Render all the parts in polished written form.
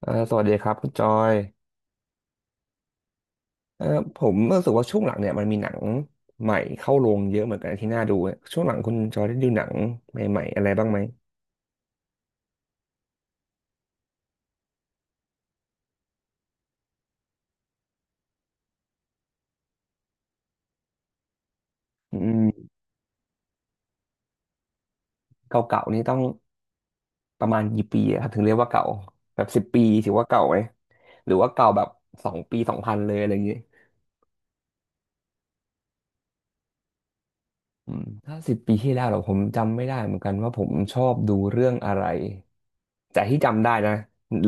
สวัสดีครับคุณจอยเอ่อผมรู้สึกว่าช่วงหลังเนี่ยมันมีหนังใหม่เข้าโรงเยอะเหมือนกันที่น่าดูเช่วงหลังคุณจอยได้ดูหนังใหม่ๆอะไรบ้างไหมอืมเก่าๆนี่ต้องประมาณกี่ปีอะครับถึงเรียกว่าเก่าแบบสิบปีถือว่าเก่าไหมหรือว่าเก่าแบบ2 ปี2000เลยอะไรอย่างงี้อืมถ้า10 ปีที่แล้วเหรอผมจำไม่ได้เหมือนกันว่าผมชอบดูเรื่องอะไรแต่ที่จำได้นะ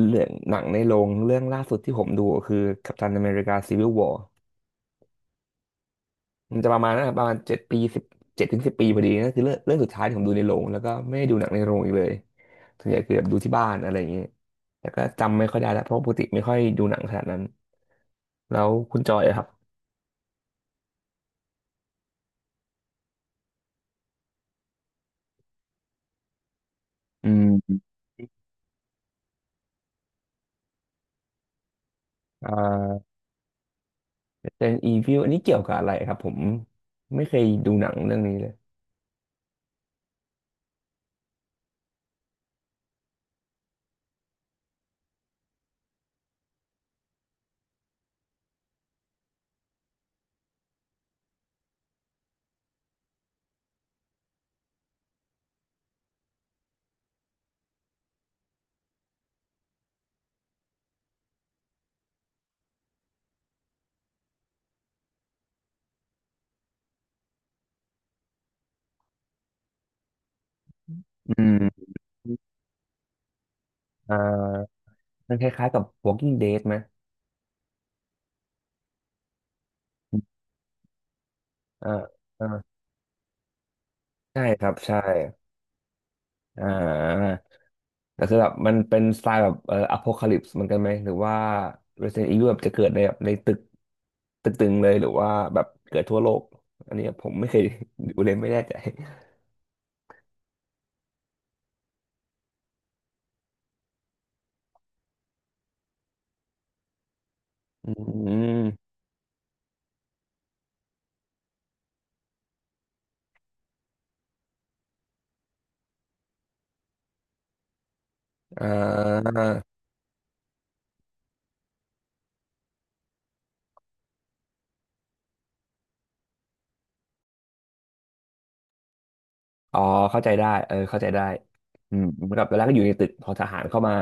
เรื่องหนังในโรงเรื่องล่าสุดที่ผมดูก็คือกัปตันอเมริกาซีวิลวอร์ มันจะประมาณนั้นอะประมาณ7 ปี7 ถึง 10 ปีพอดีนั่นคือเรื่องสุดท้ายที่ผมดูในโรงแล้วก็ไม่ได้ดูหนังในโรงอีกเลยส่วนใหญ่คือแบบดูที่บ้านอะไรอย่างเงี้ยแต่ก็จำไม่ค่อยได้แล้วเพราะปกติไม่ค่อยดูหนังขนาดนั้นแล้วคุณจอยอะครับอืมอ่าเ e นอีวิวอันนี้เกี่ยวกับอะไรครับผมไม่เคยดูหนังเรื่องนี้เลยอืมอ่ามันคล้ายๆกับ Walking Dead ไหมอ่าอ่าใช่ครับใช่อ่า แต่คือแบบมันเป็นสไตล์แบบอโพคาลิปส์เหมือนกันไหมหรือว่า Resident Evil แบบจะเกิดในแบบในตึงเลยหรือว่าแบบเกิดทั่วโลกอันนี้ผมไม่เคยดูเลยไม่แน่ใจอืมอ่าอ๋อเข้าใจได้เออเข้าใจได้อืมเหมือนกับตอนแรกก็อยู่ในตึกพอทหารเข้ามา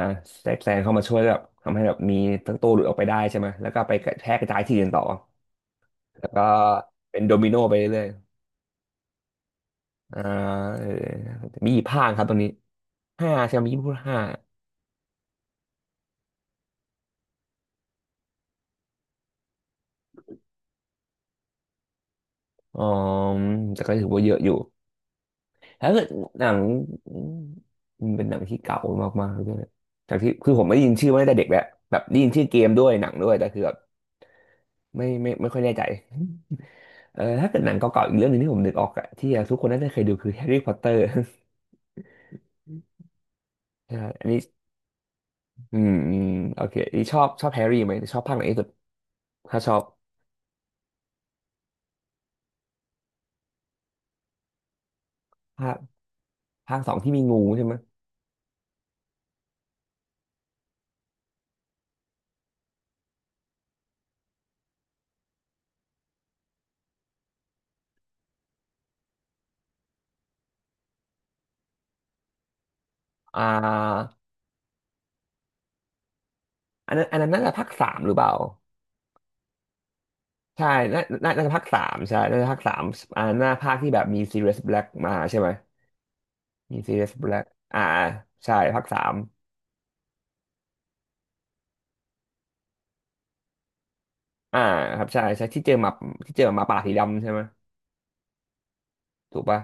แทรกแซงเข้ามาช่วยแบบทำให้แบบมีทั้งตัวหลุดออกไปได้ใช่ไหมแล้วก็ไปกระแพร่กระจายที่อื่นต่อแล้วก็เป็นโดมิโนไปเรื่อยๆอ่าเออมีกี่ภาคครับตรงนี้ห้าใช่ไหมมีพูดห้า อ๋อแต่ก็ถือว่าเยอะอยู่ถ้าเกิดหนังมันเป็นหนังที่เก่ามากๆด้วยจากที่คือผมไม่ได้ยินชื่อมาตั้งแต่เด็กแล้วแบบได้ยินชื่อเกมด้วยหนังด้วยแต่คือแบบไม่ค่อยแน่ใจเออถ้าเกิดหนังเก่าๆอีกเรื่องหนึงที่ผมนึกออกอะที่ทุกคนน่าจะเคยดูคือแฮร์รี่พอตเตอร์ ใช่อันนี้อืมอืมโอเคอันนี้ชอบชอบแฮร์รี่ไหมชอบภาคไหนที่สุดถ้าชอบภาคภาคสองที่มีงูใช่ไหมยอ่าอันนั้นอันนั้นน่าจะภาคสามหรือเปล่า ใช่น่าจะภาคสามใช่น่าจะภาคสามอ่าหน้าภาคที่แบบมีซีเรียสแบล็กมาใช่ไหมมีซีเรียสแบล็กอ่าใช่ ภาคสามอ่าครับใช่ใช่ที่เจอหมาป่าสีดำใช่ไหมถูกปะ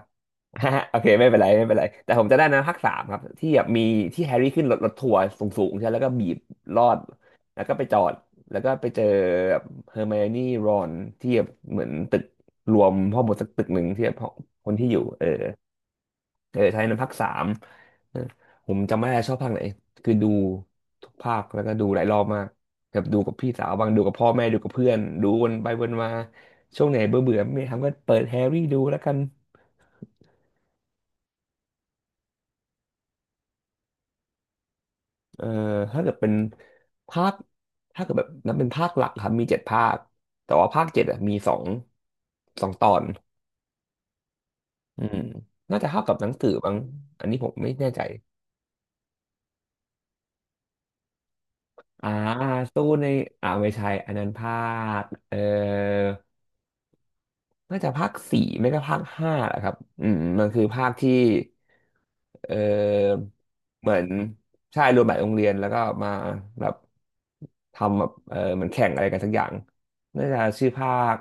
ฮะ โอเคไม่เป็นไรไม่เป็นไร แต่ผมจะได้นะภาคสามครับ ที่แบบมีที่แฮร์รี่ขึ้นรถทัวร์สูงๆใช่แล้วก็บีบรอด แล้วก็ไปจอด แล้วก็ไปเจอแบบเฮอร์ไมโอนี่รอนที่แบบเหมือนตึกรวมพ่อหมดสักตึกหนึ่งที่แบบคนที่อยู่เออ เออไทยนั้นภาคสามเออผมจำไม่ได้ชอบภาคไหน คือดูทุกภาคแล้วก็ดูหลายรอบมากแบบดูกับพี่สาวบางดูกับพ่อแม่ดูกับเพื่อน ดูวนไปวนมา ช่วงไหนเบื่อเบื่อไม่มีทำก็เปิดแฮร์รี่ดูแล้วกันเออถ้าเกิดเป็นภาคถ้าเกิดแบบนับเป็นภาคหลักครับมีเจ็ดภาค แต่ว่าภาค 7อะมีสองตอนอืมน่าจะเท่ากับหนังสือบ้างอันนี้ผมไม่แน่ใจอ่าสู้ในอ่าไม่ใช่อันนั้นภาคเออ น่าจะภาคสี่ไม่ก็ภาคห้าแหละครับอืมมันคือภาคที่เออเหมือนใช่รวมหลายโรงเรียนแล้วก็มาแบบทำแบบเออเหมือนแข่งอะไรกันสักอย่างน่าจะชื่อภาค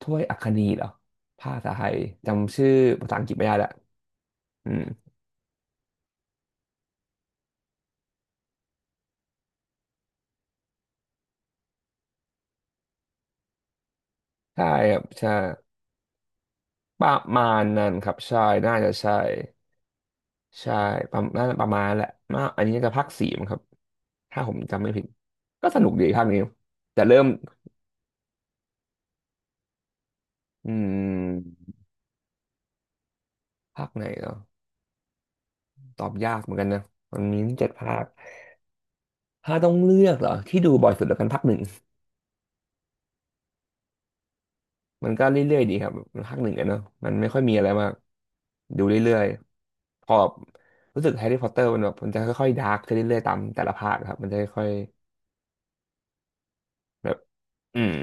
ถ้วยอัคนีเหรอภาคภาษาไทยจำชื่อภาษาอังกฤษไม่ได้ละอืมใช่ครับใช่ประมาณนั้นครับใช่น่าจะใช่ใช่ประมาณน่าจะประมาณแหละมาอันนี้น่าจะภาคสี่มั้งครับถ้าผมจำไม่ผิดก็สนุกดีภาคนี้แต่เริ่ม อืมภาคไหนเหรอ ตอบยากเหมือนกันนะมันมีตั้งเจ็ดภาคถ้าต้องเลือกเหรอ ที่ดูบ่อยสุดแล้วกันภาคหนึ่ง มันก็เรื่อยๆดีครับภาคหนึ่งอะเนาะ มันไม่ค่อยมีอะไรมากดูเรื่อยๆพอรู้สึกแฮร์รี่พอตเตอร์มันแบบมันจะค่อยๆดาร์กขึ้นเรื่อยๆตามแต่ละภาคครับมันจะค่อยๆแบบอืม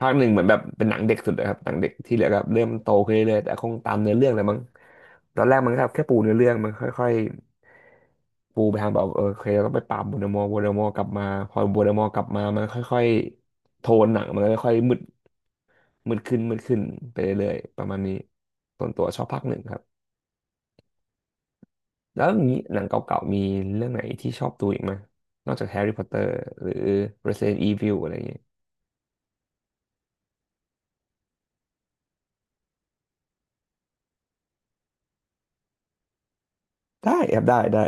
ภาคหนึ่งเหมือนแบบเป็นหนังเด็กสุดเลยครับหนังเด็กที่เหลือก็เริ่มโตขึ้นเรื่อยๆแต่คงตามเนื้อเรื่องเลยมั้งตอนแรกมันก็แค่ปูเนื้อเรื่องมันค่อยๆปูไปทางแบบเคยเราต้องไปปราบโวลเดอมอร์โวลเดอมอร์กลับมาพอโวลเดอมอร์กลับมามันค่อยๆโทนหนังมันค่อยๆมืดขึ้นมืดขึ้นไปเรื่อยๆประมาณนี้ส่วนตัวชอบภาคหนึ่งครับแล้วอย่างนี้หนังเก่าๆมีเรื่องไหนที่ชอบดูอีกไหมนอกจากแฮร์รี่พอตเตอร์หรือ Resident Evil อะไรอย่างเงี้ยได้ครับได้ได้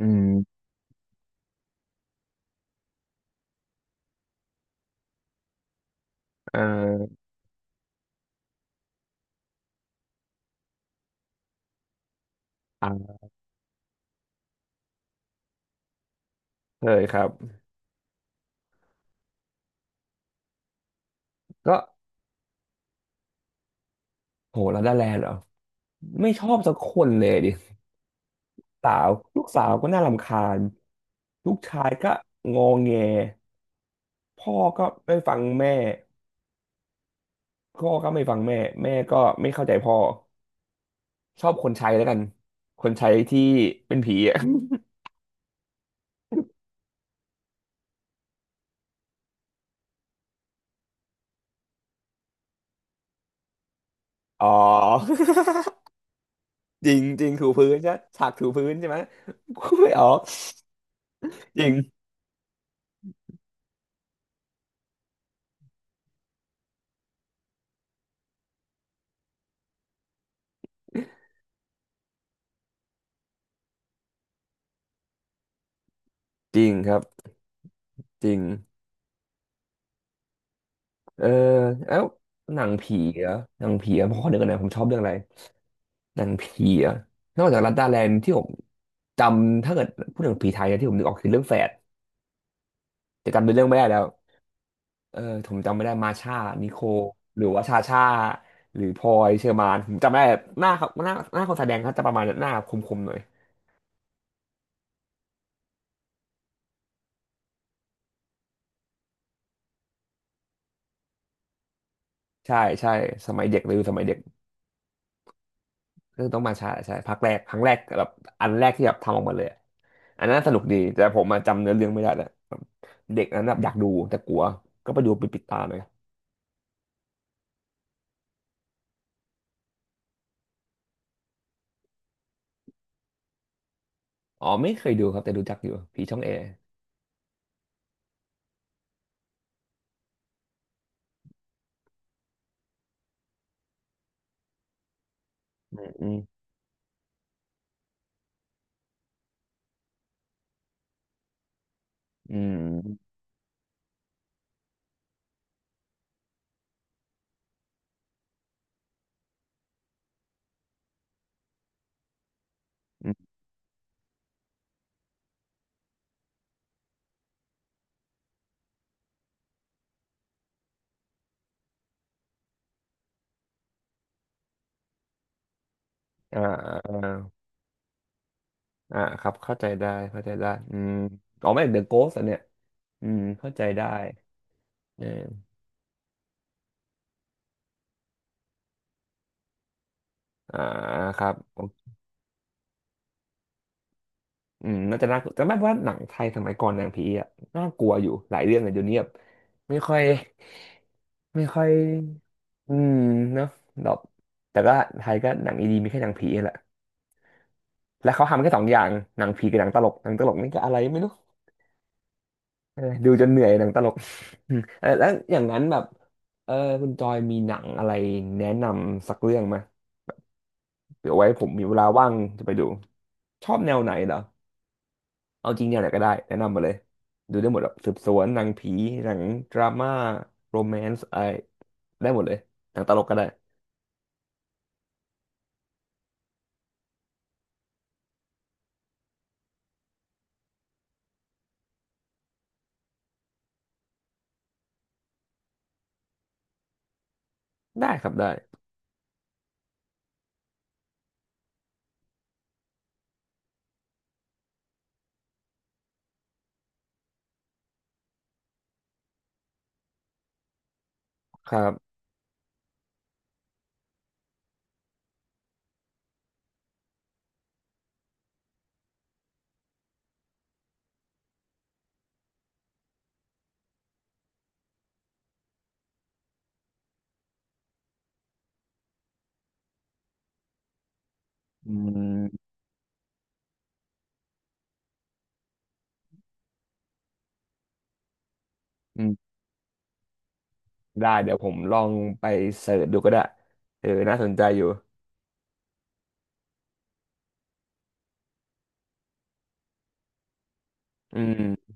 อืมเอ่ออ่าเคยครับ ก็โหลาไดาแลนด์เหรอไม่ชอบสักคนเลยดิสาวลูกสาวก็น่ารำคาญลูกชายก็งอแงพ่อก็ไม่ฟังแม่พ่อก็ไม่ฟังแม่แม่ก็ไม่เข้าใจพ่อชอบคนใช้แล้วกันคนใช้ที่เป็นผีอ่ะอ๋อจริงจริงถูพื้นใช่ฉากถูพื้นใช่ไหมพูดไม่ออกจริงจริงครับจริง เออแล้วหนังผีเหรอหนังผีเหรอผมขอนึกก่อนนะผมชอบเรื่องอะไรหนังผีเหรอนอกจากลัดดาแลนด์ที่ผมจำถ้าเกิดพูดถึงผีไทยนะที่ผมนึกออกคือเรื่องแฝดแต่จำเป็นเรื่องไม่ได้แล้วเออผมจำไม่ได้มาชานิโคหรือว่าชาชาหรือพลอยเชอร์มานผมจำไม่ได้หน้าคนแสดงเขาจะประมาณหน้าคมๆหน่อยใช่ใช่สมัยเด็กเลยสมัยเด็ก เรื่องต้องมาใช้าใช่ภาคแรกครั้งแรกแบบอันแรกที่แบบทำออกมาเลยอะอันนั้นสนุกดีแต่ผมมาจำเนื้อเรื่องไม่ได้แล้วแบบเด็กนั้นแบบอยากดูแต่กลัวก็ไปดูไปปิดตาเลยอ๋อไม่เคยดูครับแต่รู้จักอยู่ผีช่องแอร์อืมอืมอืมอ่าอ่าอ่าครับเข้าใจได้อืมอ๋อไม่เดอะโกสต์อันเนี้ยอืมเข้าใจได้เอออ่าครับ อืมน่าจะน่ากลัวแต่แม้ว่าหนังไทยสมัยก่อนหนังผีอ่ะน่ากลัวอยู่หลายเรื่องเลยเดี๋ยวนี้แบบไม่ค่อยไม่ค่อยอืมเนาะแบบแต่ก็ไทยก็หนังดีๆมีแค่หนังผีแหละแล้วเขาทำแค่สองอย่างหนังผีกับหนังตลกนี่ก็อะไรไม่รู้เออดูจนเหนื่อยหนังตลกอืมเออแล้วอย่างนั้นแบบเออคุณจอยมีหนังอะไรแนะนำสักเรื่องไหมเดี๋ยวไว้ผมมีเวลาว่างจะไปดูชอบแนวไหนเหรอ เอาจริงแนวไหนก็ได้แนะนำมาเลยดูได้หมดอะสืบสวนหนังผีหนังดราม่าโรแมนส์อะไรได้หมดเลยหนังตลกก็ได้ได้ครับครับอืมอืมได้เดี๋ยวผมลองไปเสิร์ชดูก็ได้เออน่าสนใจอยู่อืม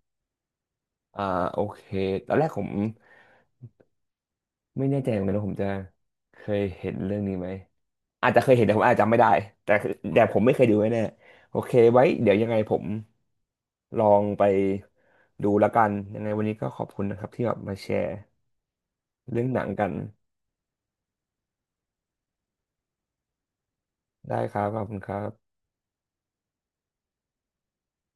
อ่าโอเคตอนแรกผมไม่แน่ใจเหมือนกันว่าผมจะเคยเห็นเรื่องนี้ไหมอาจจะเคยเห็นแต่ผมอาจจะจำไม่ได้แต่ผมไม่เคยดูแน่ๆโอเคไว้เดี๋ยวยังไงผม ลองไปดูแล้วกันยังไงวันนี้ก็ขอบคุณนะครับที่แบบมาแชร์เรื่องหนังกันได้ครับขอบคุณครับ